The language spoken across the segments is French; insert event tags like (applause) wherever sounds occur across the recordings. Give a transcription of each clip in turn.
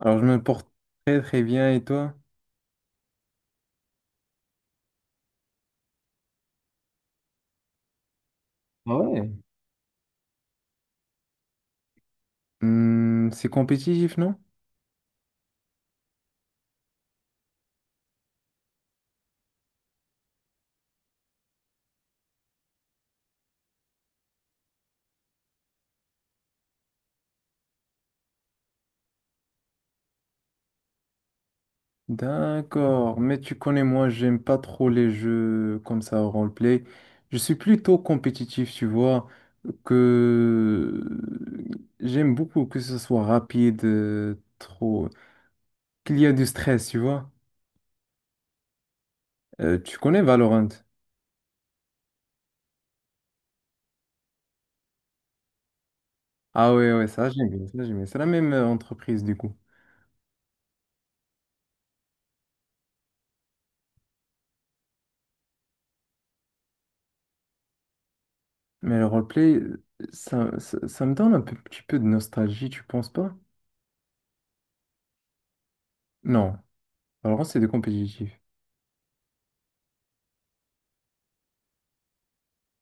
Alors, je me porte très très bien et toi? Ah ouais. Hmm, c'est compétitif, non? D'accord, mais tu connais, moi, j'aime pas trop les jeux comme ça, roleplay. Je suis plutôt compétitif, tu vois, que j'aime beaucoup que ce soit rapide, trop, qu'il y a du stress, tu vois. Tu connais Valorant? Ah ouais, ouais, ça j'aime bien, ça j'aime bien. C'est la même entreprise du coup. Mais le roleplay, ça me donne petit peu de nostalgie, tu penses pas? Non. Alors, c'est des compétitifs.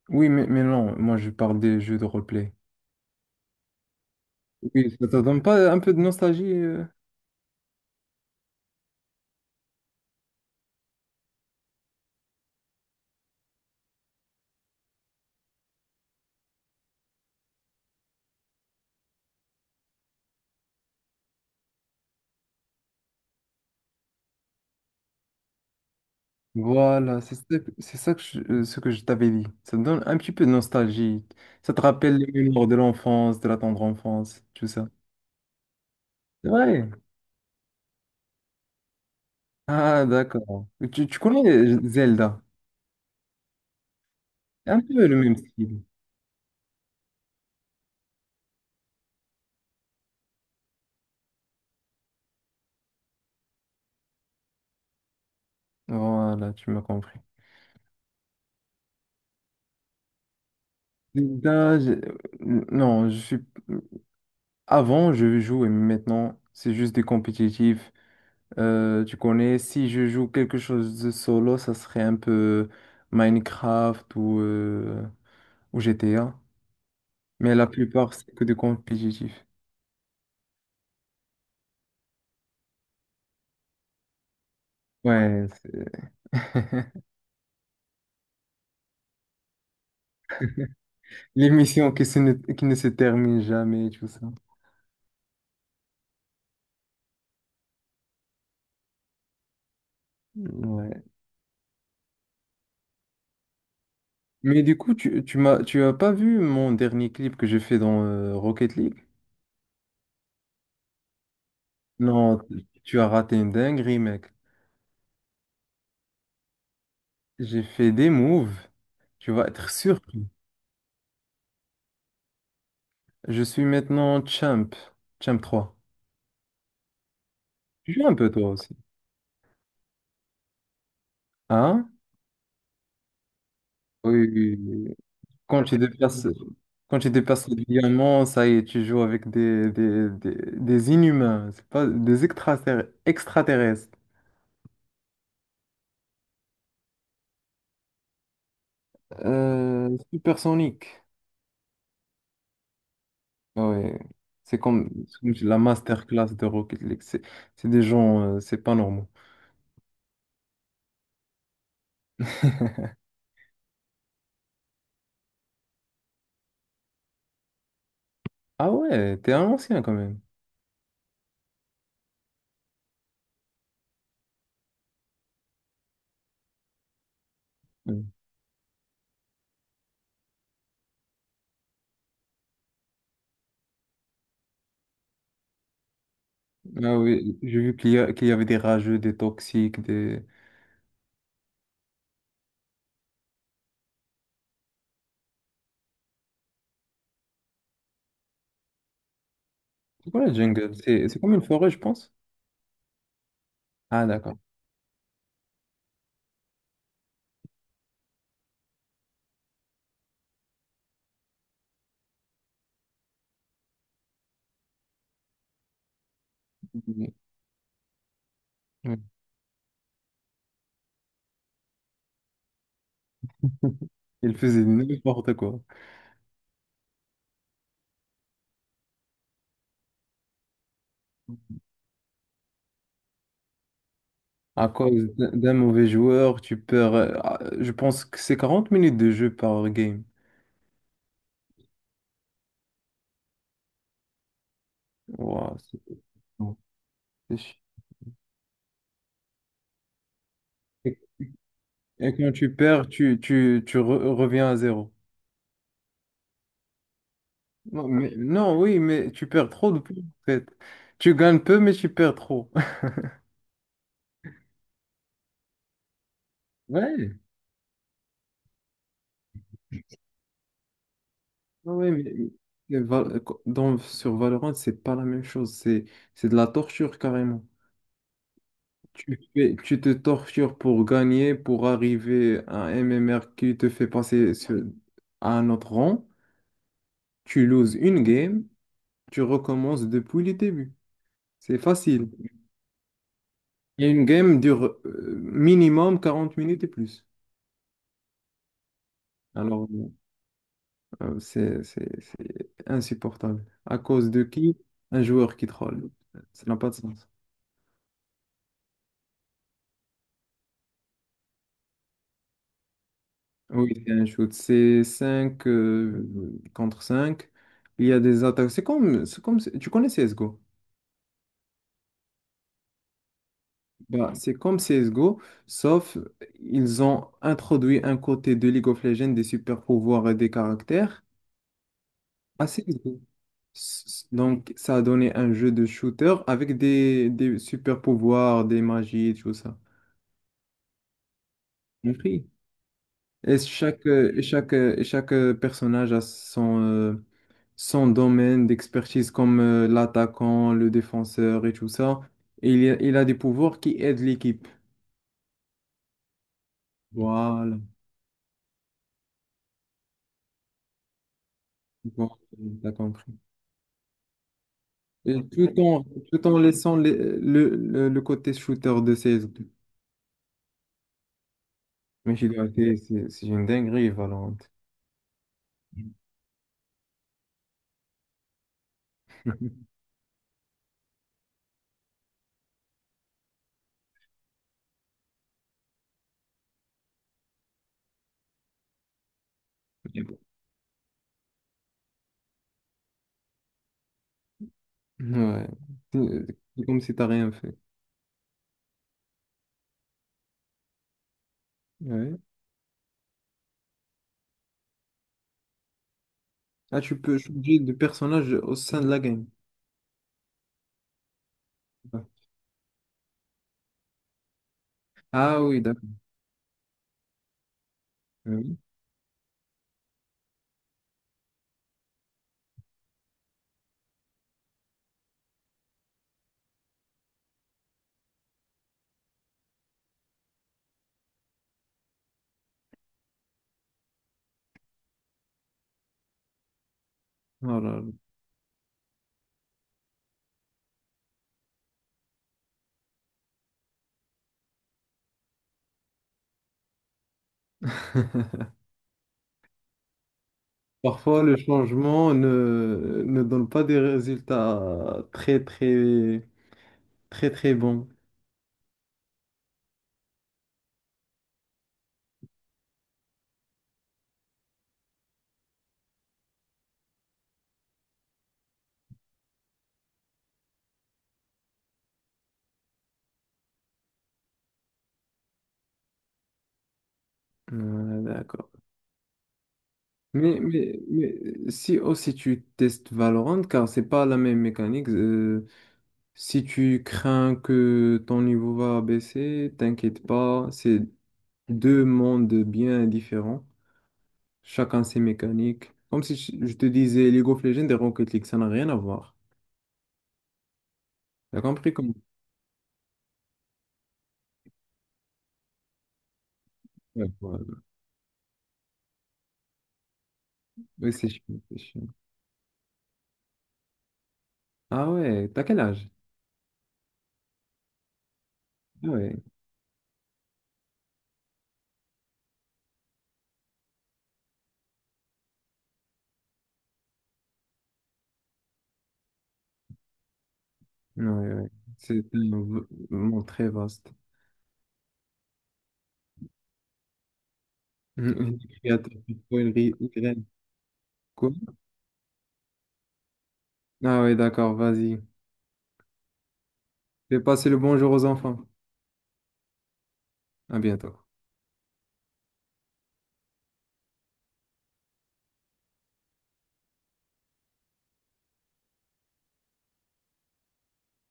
Oui, mais non, moi je parle des jeux de roleplay. Oui, ça te donne pas un peu de nostalgie Voilà, c'est ça que ce que je t'avais dit. Ça te donne un petit peu de nostalgie. Ça te rappelle les mémoires de l'enfance, de la tendre enfance, tout ça. C'est vrai. Ah, d'accord. Tu connais Zelda? C'est un peu le même style. Voilà, tu m'as compris. Zelda, non, je suis. euh, Avant, je jouais, mais maintenant, c'est juste des compétitifs. Tu connais, si je joue quelque chose de solo, ça serait un peu Minecraft ou GTA. Mais la plupart, c'est que du compétitif. Ouais, les missions qui ne se terminent jamais, tout ça. Ouais. Mais du coup, tu as pas vu mon dernier clip que j'ai fait dans Rocket League? Non, tu as raté une dinguerie, mec. J'ai fait des moves. Tu vas être surpris. Je suis maintenant champ 3. Tu joues un peu toi aussi. Hein? Oui, oui, oui, oui. Quand tu déplaces, quand tu déplaces le diamant, ça y est, tu joues avec des inhumains, c'est pas des extraterrestres. Supersonique. Ouais. C'est comme la masterclass de Rocket League. C'est des gens, c'est pas normaux. Ah ouais, t'es un ancien quand même. Ouais. Ah oui, j'ai vu qu'il y avait des rageux, des toxiques, des. C'est quoi la jungle? C'est comme une forêt, je pense. Ah d'accord. Mhm. Ouais. Il faisait n'importe quoi. À cause d'un mauvais joueur, tu perds. Je pense que c'est 40 minutes de jeu par game. Ouah, c'est long, c'est chi- Et et quand tu perds, tu reviens à zéro. Non, non, oui, mais tu perds trop de points, en fait. Tu gagnes peu, mais tu perds trop. (laughs) Ouais. Ouais, mais Val- sur Valorant, c'est pas la même chose. C'est de la torture carrément. Tu te tortures pour gagner, pour arriver à un MMR qui te fait passer à un autre rang. Tu loses une game, tu recommences depuis le début. C'est facile. Et une game dure minimum 40 minutes et plus. Alors, c'est insupportable. À cause de qui? Un joueur qui troll. Ça n'a pas de sens. Oui, c'est un shoot. C'est 5 contre cinq. Il y a des attaques. C'est comme, tu connais CSGO? Bah, c'est comme CSGO, sauf ils ont introduit un côté de League of Legends des super pouvoirs et des caractères à CSGO. Donc, ça a donné un jeu de shooter avec des super pouvoirs, des magies, tout ça. Compris. Et chaque personnage a son domaine d'expertise, comme l'attaquant, le défenseur et tout ça. Et il a des pouvoirs qui aident l'équipe. Voilà. Bon, t'as compris. Et tout en laissant le côté shooter de CS2. Mais je dois dire, c'est une dinguerie, Valorant. Mais bon. Ouais. C'est c'est comme si t'as rien fait. Ouais. Ah, tu peux changer de personnage au sein de la game. Ouais. Ah oui, d'accord. Oui. Oh là là. (laughs) Parfois, le changement ne donne pas des résultats très, très, très, très bons. Ouais, d'accord. Mais si aussi tu testes Valorant, car c'est pas la même mécanique, si tu crains que ton niveau va baisser, t'inquiète pas, c'est deux mondes bien différents, chacun ses mécaniques. Comme si je te disais League of Legends et Rocket League, ça n'a rien à voir. T'as compris comment? Ouais, voilà. Oui, c'est chiant, c'est chiant. Ah ouais, t'as quel âge? Ah, ouais, ouais, ouais. C'est monde très vaste. (laughs) Les créateurs, pourquoi ils rient? Quoi? Ah oui, d'accord, vas-y. Je vais passer le bonjour aux enfants. À bientôt.